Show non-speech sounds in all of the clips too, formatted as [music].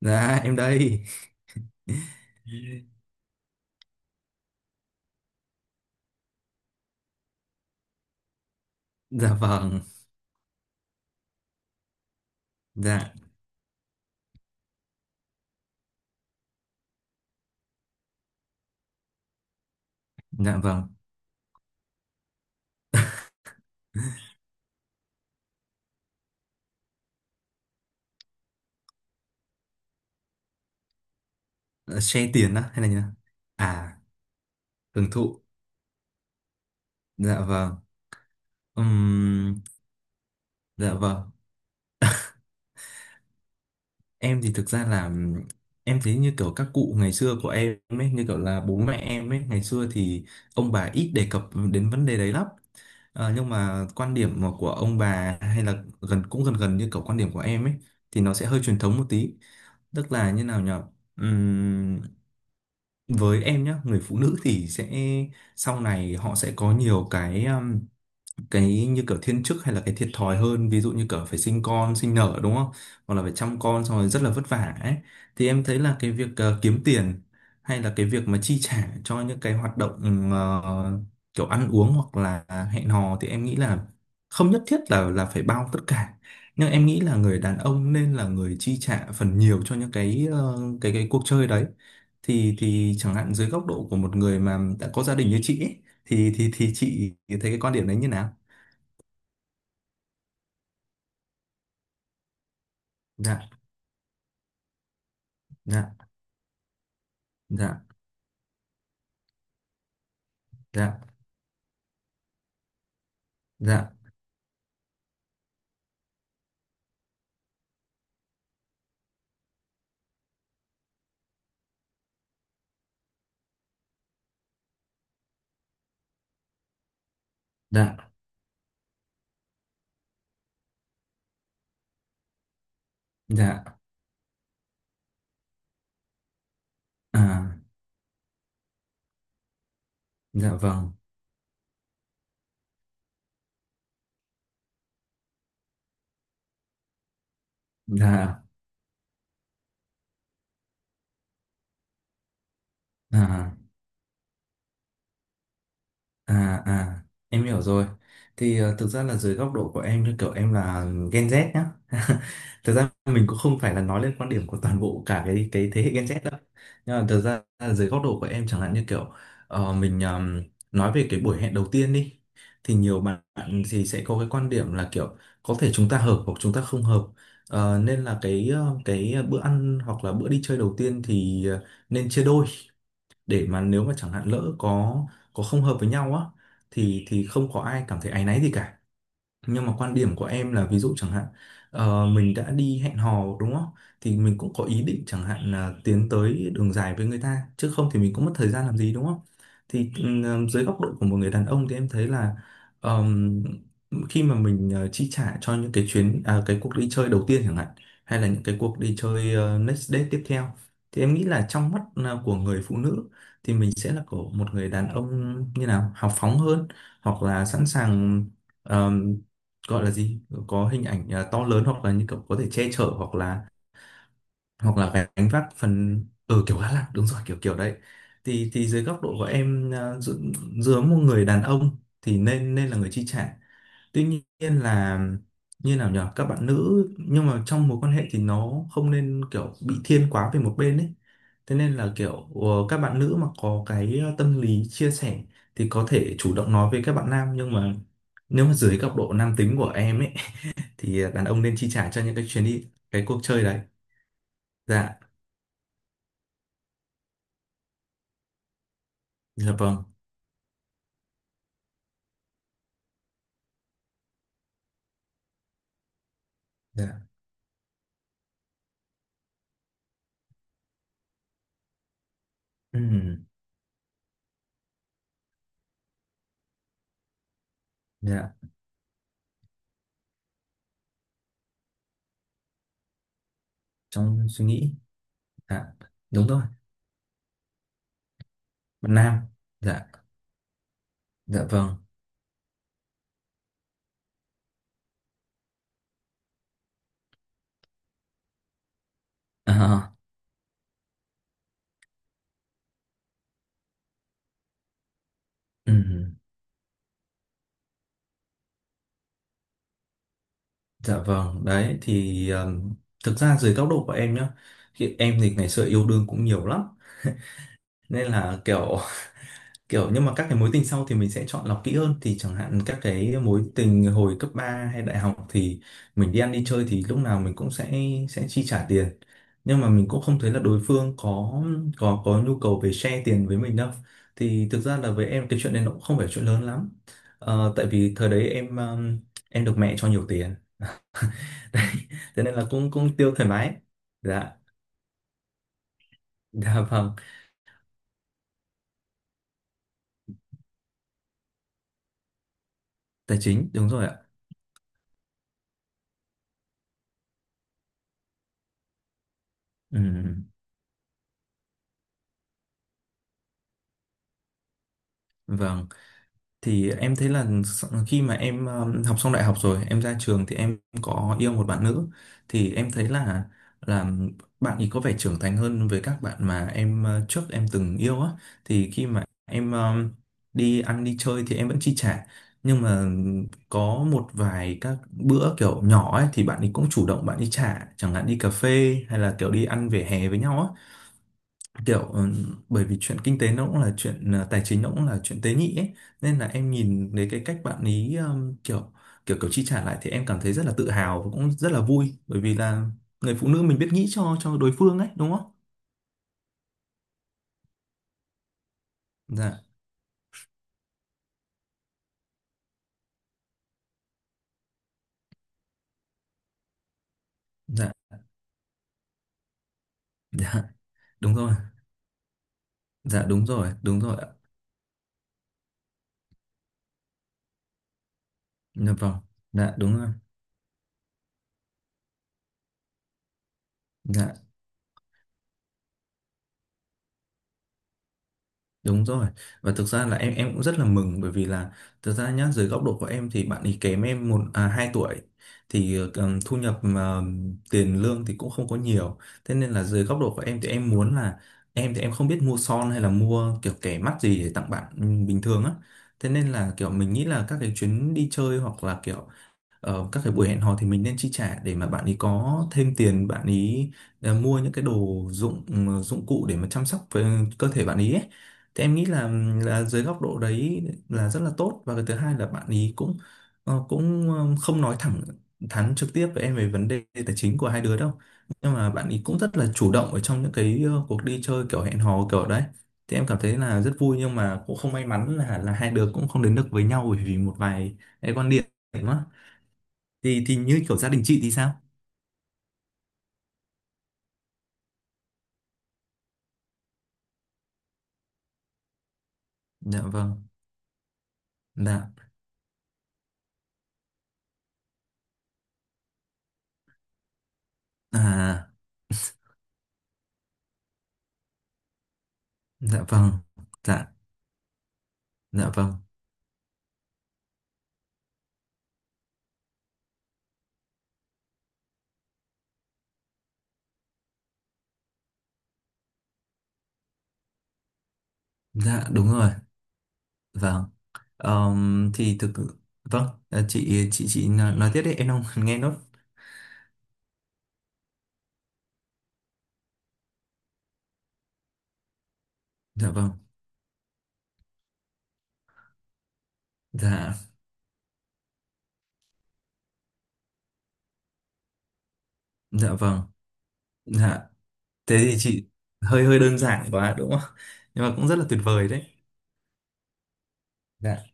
Dạ em đây. [laughs] Dạ vâng. Dạ. Dạ vâng. Ờ, Share tiền á hay là như nào? À, hưởng thụ. Dạ vâng. Ừm, dạ vâng. Em thì thực ra là em thấy như kiểu các cụ ngày xưa của em ấy, như kiểu là bố mẹ em ấy, ngày xưa thì ông bà ít đề cập đến vấn đề đấy lắm. Nhưng mà quan điểm mà của ông bà hay là gần cũng gần gần như kiểu quan điểm của em ấy thì nó sẽ hơi truyền thống một tí. Tức là như nào nhỉ? Với em nhá, người phụ nữ thì sẽ sau này họ sẽ có nhiều cái như kiểu thiên chức hay là cái thiệt thòi hơn, ví dụ như kiểu phải sinh con sinh nở đúng không, hoặc là phải chăm con xong rồi rất là vất vả ấy, thì em thấy là cái việc kiếm tiền hay là cái việc mà chi trả cho những cái hoạt động kiểu ăn uống hoặc là hẹn hò thì em nghĩ là không nhất thiết là phải bao tất cả, nhưng em nghĩ là người đàn ông nên là người chi trả phần nhiều cho những cái cái cuộc chơi đấy. Thì chẳng hạn dưới góc độ của một người mà đã có gia đình như chị ấy, thì chị thấy cái quan điểm đấy như nào? Dạ. Dạ. Dạ. Dạ. Dạ. Dạ. Dạ. À. Dạ vâng. Dạ. À. À à, em hiểu rồi. Thì thực ra là dưới góc độ của em, như kiểu em là Gen Z nhá, [laughs] thực ra mình cũng không phải là nói lên quan điểm của toàn bộ cả cái thế hệ Gen Z đâu, nhưng mà thực ra là dưới góc độ của em chẳng hạn, như kiểu mình nói về cái buổi hẹn đầu tiên đi, thì nhiều bạn thì sẽ có cái quan điểm là kiểu có thể chúng ta hợp hoặc chúng ta không hợp. Nên là cái bữa ăn hoặc là bữa đi chơi đầu tiên thì nên chia đôi, để mà nếu mà chẳng hạn lỡ có không hợp với nhau á thì không có ai cảm thấy áy náy gì cả. Nhưng mà quan điểm của em là ví dụ chẳng hạn, mình đã đi hẹn hò đúng không, thì mình cũng có ý định chẳng hạn là tiến tới đường dài với người ta, chứ không thì mình cũng mất thời gian làm gì đúng không. Thì dưới góc độ của một người đàn ông thì em thấy là ờm, khi mà mình chi trả cho những cái cuộc đi chơi đầu tiên chẳng hạn, hay là những cái cuộc đi chơi next date tiếp theo, thì em nghĩ là trong mắt của người phụ nữ thì mình sẽ là của một người đàn ông như nào hào phóng hơn, hoặc là sẵn sàng, gọi là gì, có hình ảnh to lớn, hoặc là như kiểu có thể che chở, hoặc là gánh vác phần ở kiểu Á Lạc, đúng rồi, kiểu kiểu đấy. Thì dưới góc độ của em giữa một người đàn ông thì nên nên là người chi trả. Tuy nhiên là như nào nhở, các bạn nữ nhưng mà trong mối quan hệ thì nó không nên kiểu bị thiên quá về một bên ấy. Thế nên là kiểu các bạn nữ mà có tâm lý chia sẻ thì có thể chủ động nói với các bạn nam, nhưng mà nếu mà dưới góc độ nam tính của em ấy thì đàn ông nên chi trả cho những cái chuyến đi cái cuộc chơi đấy. Dạ. Dạ vâng. Dạ. Ừm, dạ. Trong suy nghĩ. Dạ đúng rồi. Bạn nam. Dạ. Dạ vâng. À, ừm, dạ vâng. Đấy thì thực ra dưới góc độ của em nhá, thì em thì ngày xưa yêu đương cũng nhiều lắm, nên là kiểu kiểu, nhưng mà các cái mối tình sau thì mình sẽ chọn lọc kỹ hơn, thì chẳng hạn các cái mối tình hồi cấp 3 hay đại học thì mình đi ăn đi chơi thì lúc nào mình cũng sẽ chi trả tiền, nhưng mà mình cũng không thấy là đối phương có nhu cầu về share tiền với mình đâu. Thì thực ra là với em cái chuyện này nó cũng không phải chuyện lớn lắm. Tại vì thời đấy em được mẹ cho nhiều tiền. [laughs] Đấy, thế nên là cũng cũng tiêu thoải mái. Dạ. [laughs] Dạ vâng. Tài chính đúng rồi ạ. Ừ, vâng. Thì em thấy là s- khi mà em học xong đại học rồi em ra trường thì em có yêu một bạn nữ, thì em thấy là là bạn ấy có vẻ trưởng thành hơn với các bạn mà em trước em từng yêu á. Thì khi mà em đi ăn đi chơi thì em vẫn chi trả, nhưng mà có một vài các bữa kiểu nhỏ ấy thì bạn ấy cũng chủ động bạn ấy trả, chẳng hạn đi cà phê hay là kiểu đi ăn vỉa hè với nhau á, kiểu ừ, bởi vì chuyện kinh tế nó cũng là chuyện tài chính, nó cũng là chuyện tế nhị ấy, nên là em nhìn thấy cái cách bạn ý kiểu kiểu kiểu chi trả lại thì em cảm thấy rất là tự hào và cũng rất là vui, bởi vì là người phụ nữ mình biết nghĩ cho đối phương ấy đúng không? Dạ. Dạ. Dạ đúng rồi. Dạ đúng rồi, đúng rồi ạ. Dạ vâng. Dạ đúng rồi. Dạ. Đúng rồi. Và thực ra là em cũng rất là mừng, bởi vì là thực ra nhá, dưới góc độ của em thì bạn ấy kém em một à, 2 tuổi, thì thu nhập mà tiền lương thì cũng không có nhiều. Thế nên là dưới góc độ của em thì em muốn là em thì em không biết mua son hay là mua kiểu kẻ mắt gì để tặng bạn bình thường á. Thế nên là kiểu mình nghĩ là các cái chuyến đi chơi hoặc là kiểu các cái buổi hẹn hò thì mình nên chi trả để mà bạn ấy có thêm tiền, bạn ấy mua những cái đồ dụng ừ, dụng cụ để mà chăm sóc với cơ thể bạn ấy ấy. Thì em nghĩ là dưới góc độ đấy là rất là tốt, và cái thứ hai là bạn ấy cũng không nói thẳng thắn trực tiếp với em về vấn đề tài chính của hai đứa đâu, nhưng mà bạn ấy cũng rất là chủ động ở trong những cuộc đi chơi kiểu hẹn hò kiểu đấy. Thì em cảm thấy là rất vui, nhưng mà cũng không may mắn là hai đứa cũng không đến được với nhau bởi vì một vài cái quan điểm đó. Thì như kiểu gia đình chị thì sao? Dạ vâng. Dạ. À. Dạ vâng. Dạ. Dạ vâng. Dạ đúng rồi. Vâng. Thì thực vâng, chị chị nói tiếp đi, em đang [laughs] nghe nốt. Dạ vâng. Dạ. Dạ vâng. Dạ. Thế thì chị hơi hơi đơn giản quá đúng không, nhưng mà cũng rất là tuyệt vời đấy. Dạ.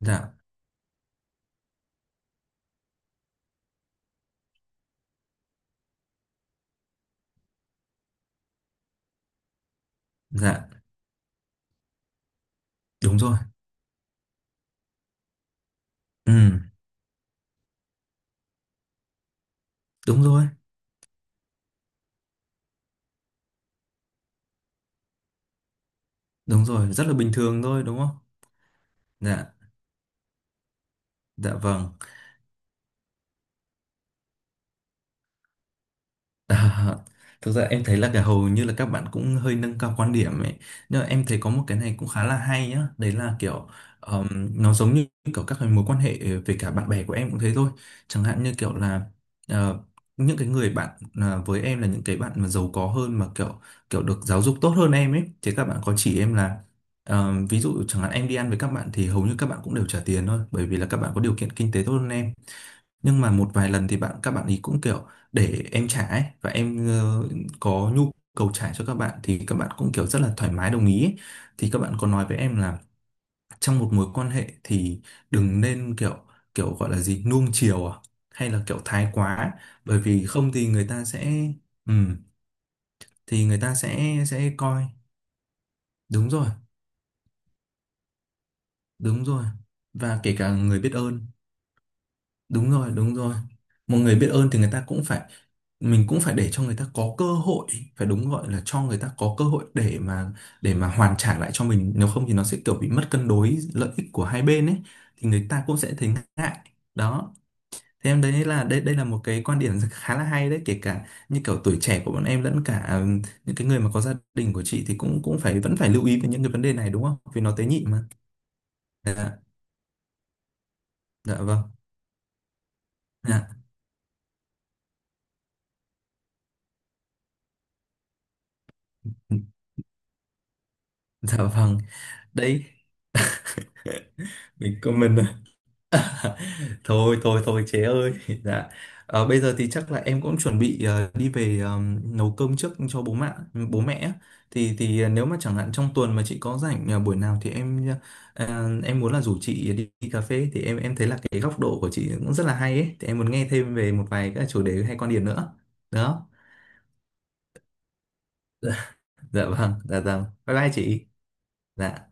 Dạ. Dạ đúng rồi. Ừ đúng rồi, đúng rồi, rất là bình thường thôi đúng không. Dạ. Dạ vâng. À, thực ra em thấy là cả hầu như là các bạn cũng hơi nâng cao quan điểm ấy, nhưng mà em thấy có một cái này cũng khá là hay nhá, đấy là kiểu ờm, nó giống như kiểu các cái mối quan hệ về cả bạn bè của em cũng thế thôi. Chẳng hạn như kiểu là ờ, những cái người bạn, với em là những cái bạn mà giàu có hơn mà kiểu kiểu được giáo dục tốt hơn em ấy, thì các bạn có chỉ em là ví dụ chẳng hạn em đi ăn với các bạn thì hầu như các bạn cũng đều trả tiền thôi, bởi vì là các bạn có điều kiện kinh tế tốt hơn em, nhưng mà một vài lần thì các bạn ý cũng kiểu để em trả ấy, và em có nhu cầu trả cho các bạn thì các bạn cũng kiểu rất là thoải mái đồng ý ấy. Thì các bạn có nói với em là trong một mối quan hệ thì đừng nên kiểu kiểu, gọi là gì, nuông chiều à hay là kiểu thái quá, bởi vì không thì người ta sẽ ừ, thì người ta sẽ coi đúng rồi, đúng rồi, và kể cả người biết ơn. Đúng rồi, đúng rồi. Một người biết ơn thì người ta cũng phải, mình cũng phải để cho người ta có cơ hội, phải đúng, gọi là cho người ta có cơ hội để mà hoàn trả lại cho mình, nếu không thì nó sẽ kiểu bị mất cân đối lợi ích của hai bên ấy, thì người ta cũng sẽ thấy ngại. Đó. Thế em thấy là đây đây là một cái quan điểm khá là hay đấy, kể cả như kiểu tuổi trẻ của bọn em lẫn cả những cái người mà có gia đình của chị thì cũng cũng phải vẫn phải lưu ý về những cái vấn đề này đúng không? Vì nó tế nhị mà. Dạ, dạ vâng. Dạ, dạ vâng. Đấy, mình comment. Thôi thôi thôi chế ơi. [laughs] Dạ. Ờ, bây giờ thì chắc là em cũng chuẩn bị đi về, nấu cơm trước cho bố mẹ á. Thì nếu mà chẳng hạn trong tuần mà chị có rảnh buổi nào thì em em muốn là rủ chị đi cà phê. Thì em thấy là cái góc độ của chị cũng rất là hay ấy, thì em muốn nghe thêm về một vài các chủ đề hay quan điểm nữa. Đó. Dạ vâng, dạ vâng, bye bye chị. Dạ.